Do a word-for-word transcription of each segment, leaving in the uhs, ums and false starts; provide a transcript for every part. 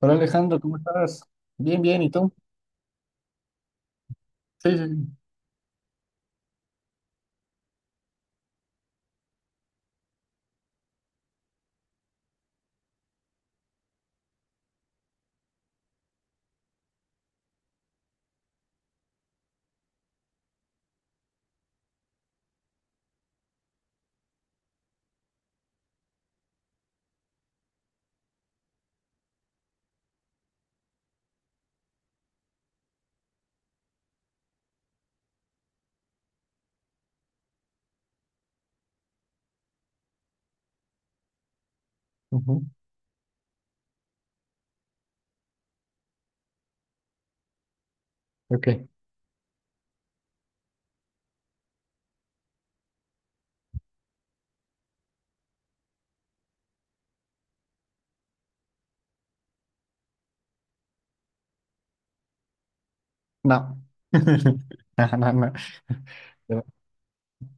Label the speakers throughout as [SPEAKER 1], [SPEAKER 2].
[SPEAKER 1] Hola Alejandro, ¿cómo estás? Bien, bien, ¿y tú? Sí, sí, sí. Ujú. Ok, no. No, no, no.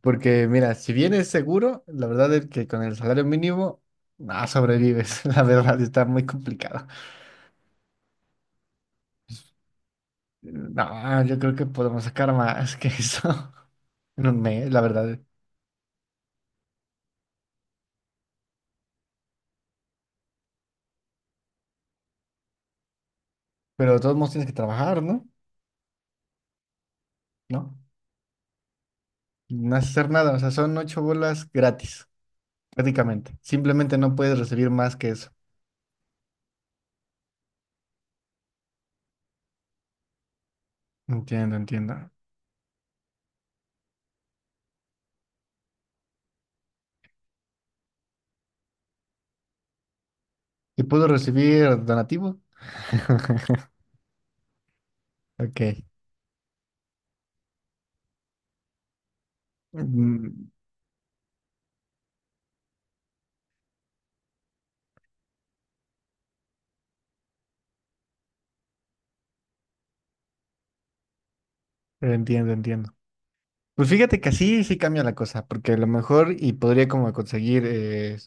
[SPEAKER 1] Porque mira, si bien es seguro, la verdad es que con el salario mínimo no sobrevives, la verdad está muy complicado. No, yo creo que podemos sacar más que eso en un mes, la verdad. Pero de todos modos tienes que trabajar, ¿no? No, no hacer nada, o sea, son ocho bolas gratis, prácticamente. Simplemente no puedes recibir más que eso. Entiendo, entiendo. ¿Y puedo recibir donativo? Ok. Mm, entiendo, entiendo. Pues fíjate que así sí cambia la cosa, porque a lo mejor y podría como conseguir eh,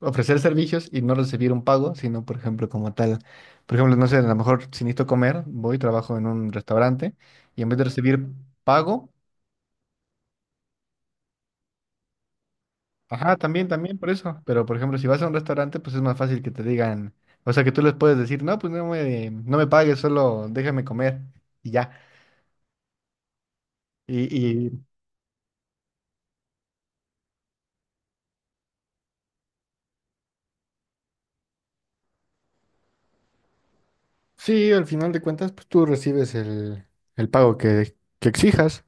[SPEAKER 1] ofrecer servicios y no recibir un pago, sino por ejemplo como tal, por ejemplo, no sé, a lo mejor si necesito comer, voy, trabajo en un restaurante y en vez de recibir pago, ajá, también, también, por eso, pero por ejemplo, si vas a un restaurante, pues es más fácil que te digan, o sea, que tú les puedes decir, no, pues no me, no me pagues, solo déjame comer y ya. Y sí, al final de cuentas, pues tú recibes el, el pago que, que exijas.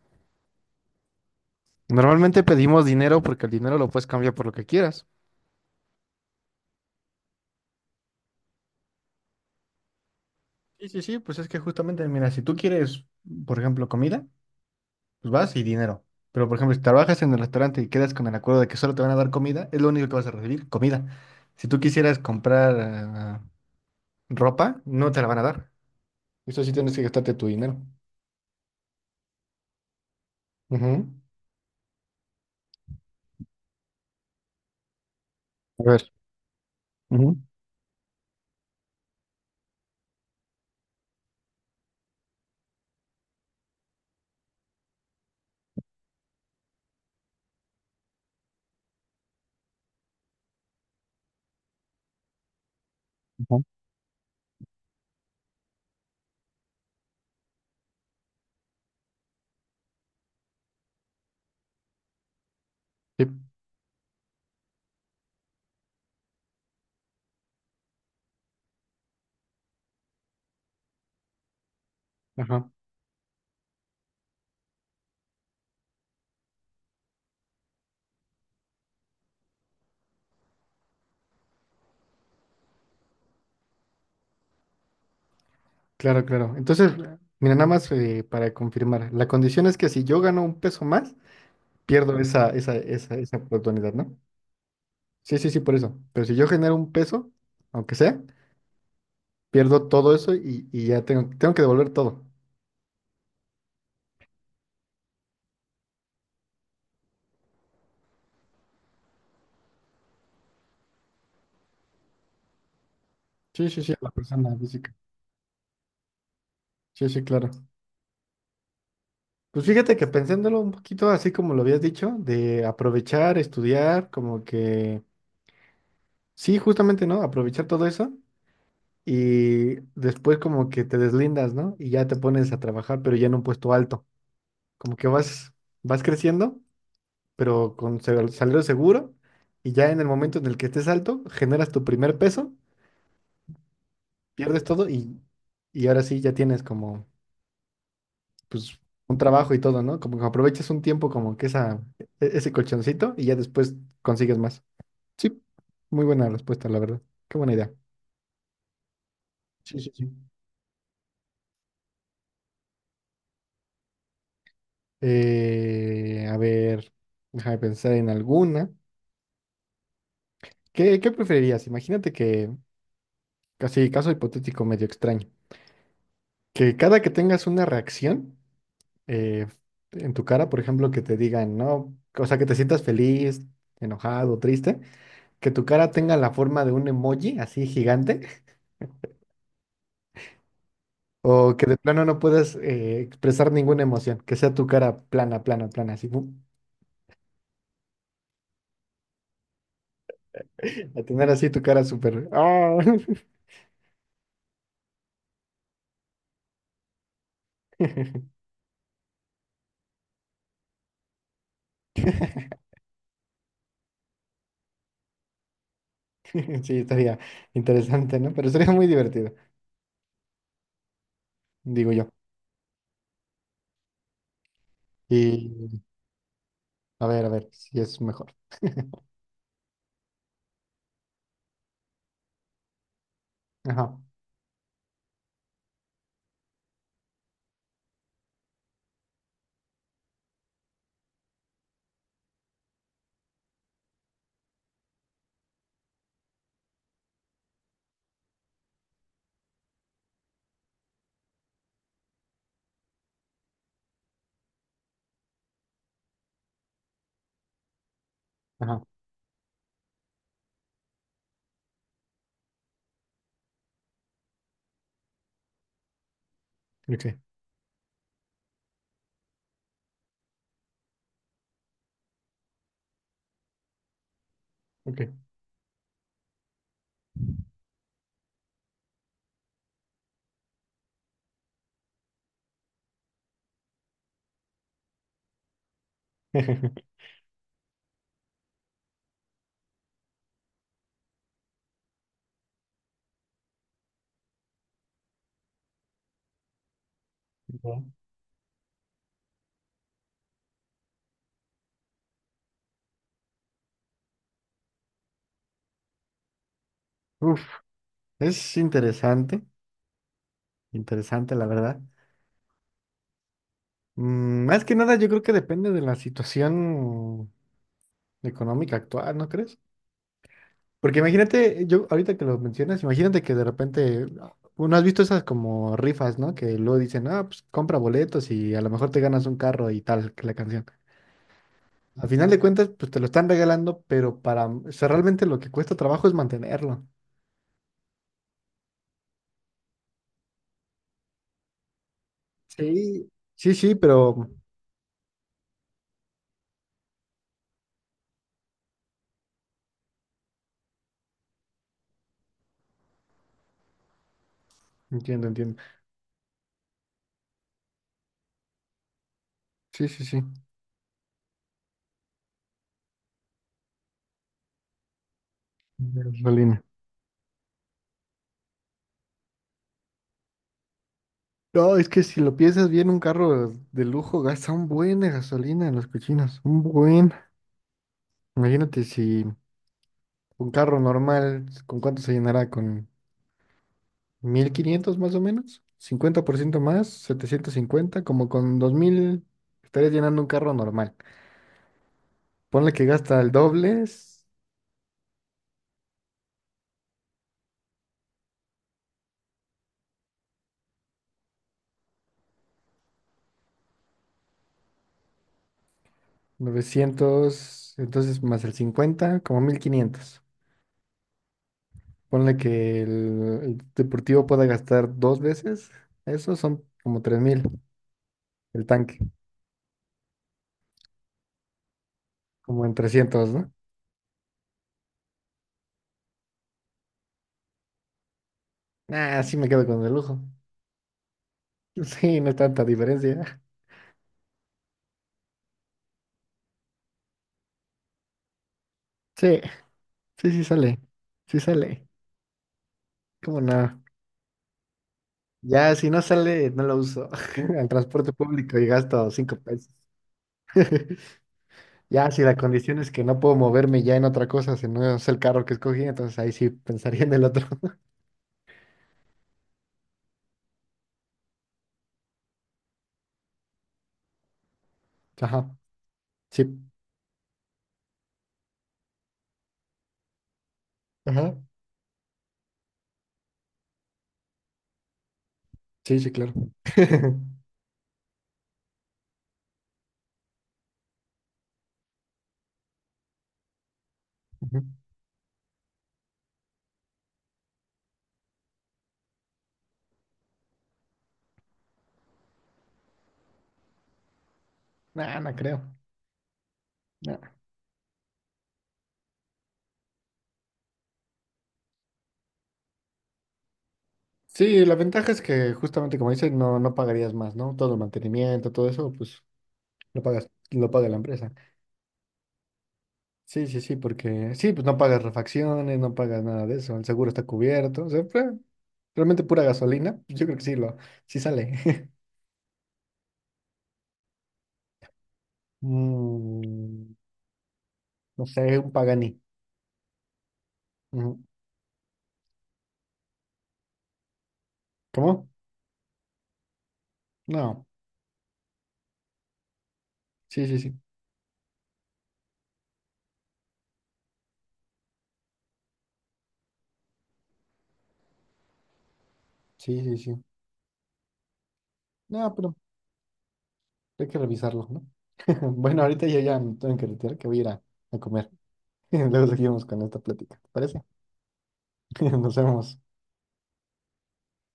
[SPEAKER 1] Normalmente pedimos dinero porque el dinero lo puedes cambiar por lo que quieras. Sí, sí, sí, pues es que justamente, mira, si tú quieres, por ejemplo, comida, pues vas y dinero. Pero, por ejemplo, si trabajas en el restaurante y quedas con el acuerdo de que solo te van a dar comida, es lo único que vas a recibir, comida. Si tú quisieras comprar ah, ropa, no te la van a dar. Eso sí tienes que gastarte tu dinero. Ujú. A ver. Ujú, ujú, sí. Ajá. Claro, claro. Entonces, mira, nada más eh, para confirmar, la condición es que si yo gano un peso más, pierdo esa, esa, esa, esa oportunidad, ¿no? Sí, sí, sí, por eso. Pero si yo genero un peso, aunque sea, pierdo todo eso y, y ya tengo, tengo que devolver todo. Sí, sí, sí, a la persona física. Sí, sí, claro. Pues fíjate que pensándolo un poquito así como lo habías dicho, de aprovechar, estudiar, como que, sí, justamente, ¿no? Aprovechar todo eso y después como que te deslindas, ¿no? Y ya te pones a trabajar, pero ya en un puesto alto. Como que vas, vas creciendo, pero con sal- salario seguro, y ya en el momento en el que estés alto, generas tu primer peso, pierdes todo y, y ahora sí ya tienes como, pues, un trabajo y todo, ¿no? Como que aprovechas un tiempo como que esa, e- ese colchoncito y ya después consigues más. Sí, muy buena respuesta, la verdad. Qué buena idea. Sí, sí, sí. Eh, a ver, déjame pensar en alguna. ¿Qué, qué preferirías? Imagínate que, casi caso hipotético medio extraño. Que cada que tengas una reacción eh, en tu cara, por ejemplo, que te digan, no, o sea, que te sientas feliz, enojado, triste, que tu cara tenga la forma de un emoji así gigante, o que de plano no puedas eh, expresar ninguna emoción, que sea tu cara plana, plana, plana, así, ¡pum! A tener así tu cara súper, ¡ah! Sí, estaría interesante, ¿no? Pero sería muy divertido, digo yo. Y a ver, a ver, si es mejor. Ajá, ajá, ok, ok. Uf, es interesante, interesante la verdad. Mm, Más que nada, yo creo que depende de la situación económica actual, ¿no crees? Porque imagínate, yo ahorita que lo mencionas, imagínate que de repente, uno has visto esas como rifas, ¿no? Que luego dicen, ah, pues compra boletos y a lo mejor te ganas un carro y tal, que la canción. Al final de cuentas, pues te lo están regalando, pero para, o sea, realmente lo que cuesta trabajo es mantenerlo. Sí. Sí, sí, pero entiendo, entiendo. Sí, sí, sí. Solín. No, es que si lo piensas bien, un carro de lujo gasta un buen de gasolina en los cochinos, un buen. Imagínate si un carro normal, ¿con cuánto se llenará? ¿Con mil quinientos más o menos? ¿Cincuenta por ciento más? Setecientos cincuenta. Como con dos mil estarías llenando un carro normal. Ponle que gasta el doble, es novecientos, entonces más el cincuenta, como mil quinientos. Ponle que el, el deportivo pueda gastar dos veces, eso son como tres mil el tanque. Como en trescientos, ¿no? Ah, sí me quedo con el lujo. Sí, no es tanta diferencia. Sí, sí, sí sale. Sí sale. ¿Cómo no? Ya, si no sale, no lo uso. Al transporte público y gasto cinco pesos. Ya, si la condición es que no puedo moverme ya en otra cosa, si no es el carro que escogí, entonces ahí sí pensaría en el otro. Ajá. Sí. Ajá. Sí, sí, claro. Ujú. Nah, no creo. No. Sí, la ventaja es que justamente como dices, no, no pagarías más, ¿no? Todo el mantenimiento, todo eso, pues lo pagas, lo paga la empresa. Sí, sí, sí, porque sí, pues no pagas refacciones, no pagas nada de eso, el seguro está cubierto, o sea, fue realmente pura gasolina, pues, yo creo que sí, lo, sí sale. Mm, no sé, un Pagani. Ujú. ¿Cómo? No, sí, sí, sí, sí, sí, sí. No, pero hay que revisarlo, ¿no? Bueno, ahorita yo ya me tengo que retirar, que voy a ir a, a comer. Luego seguimos con esta plática, ¿te parece? Nos vemos.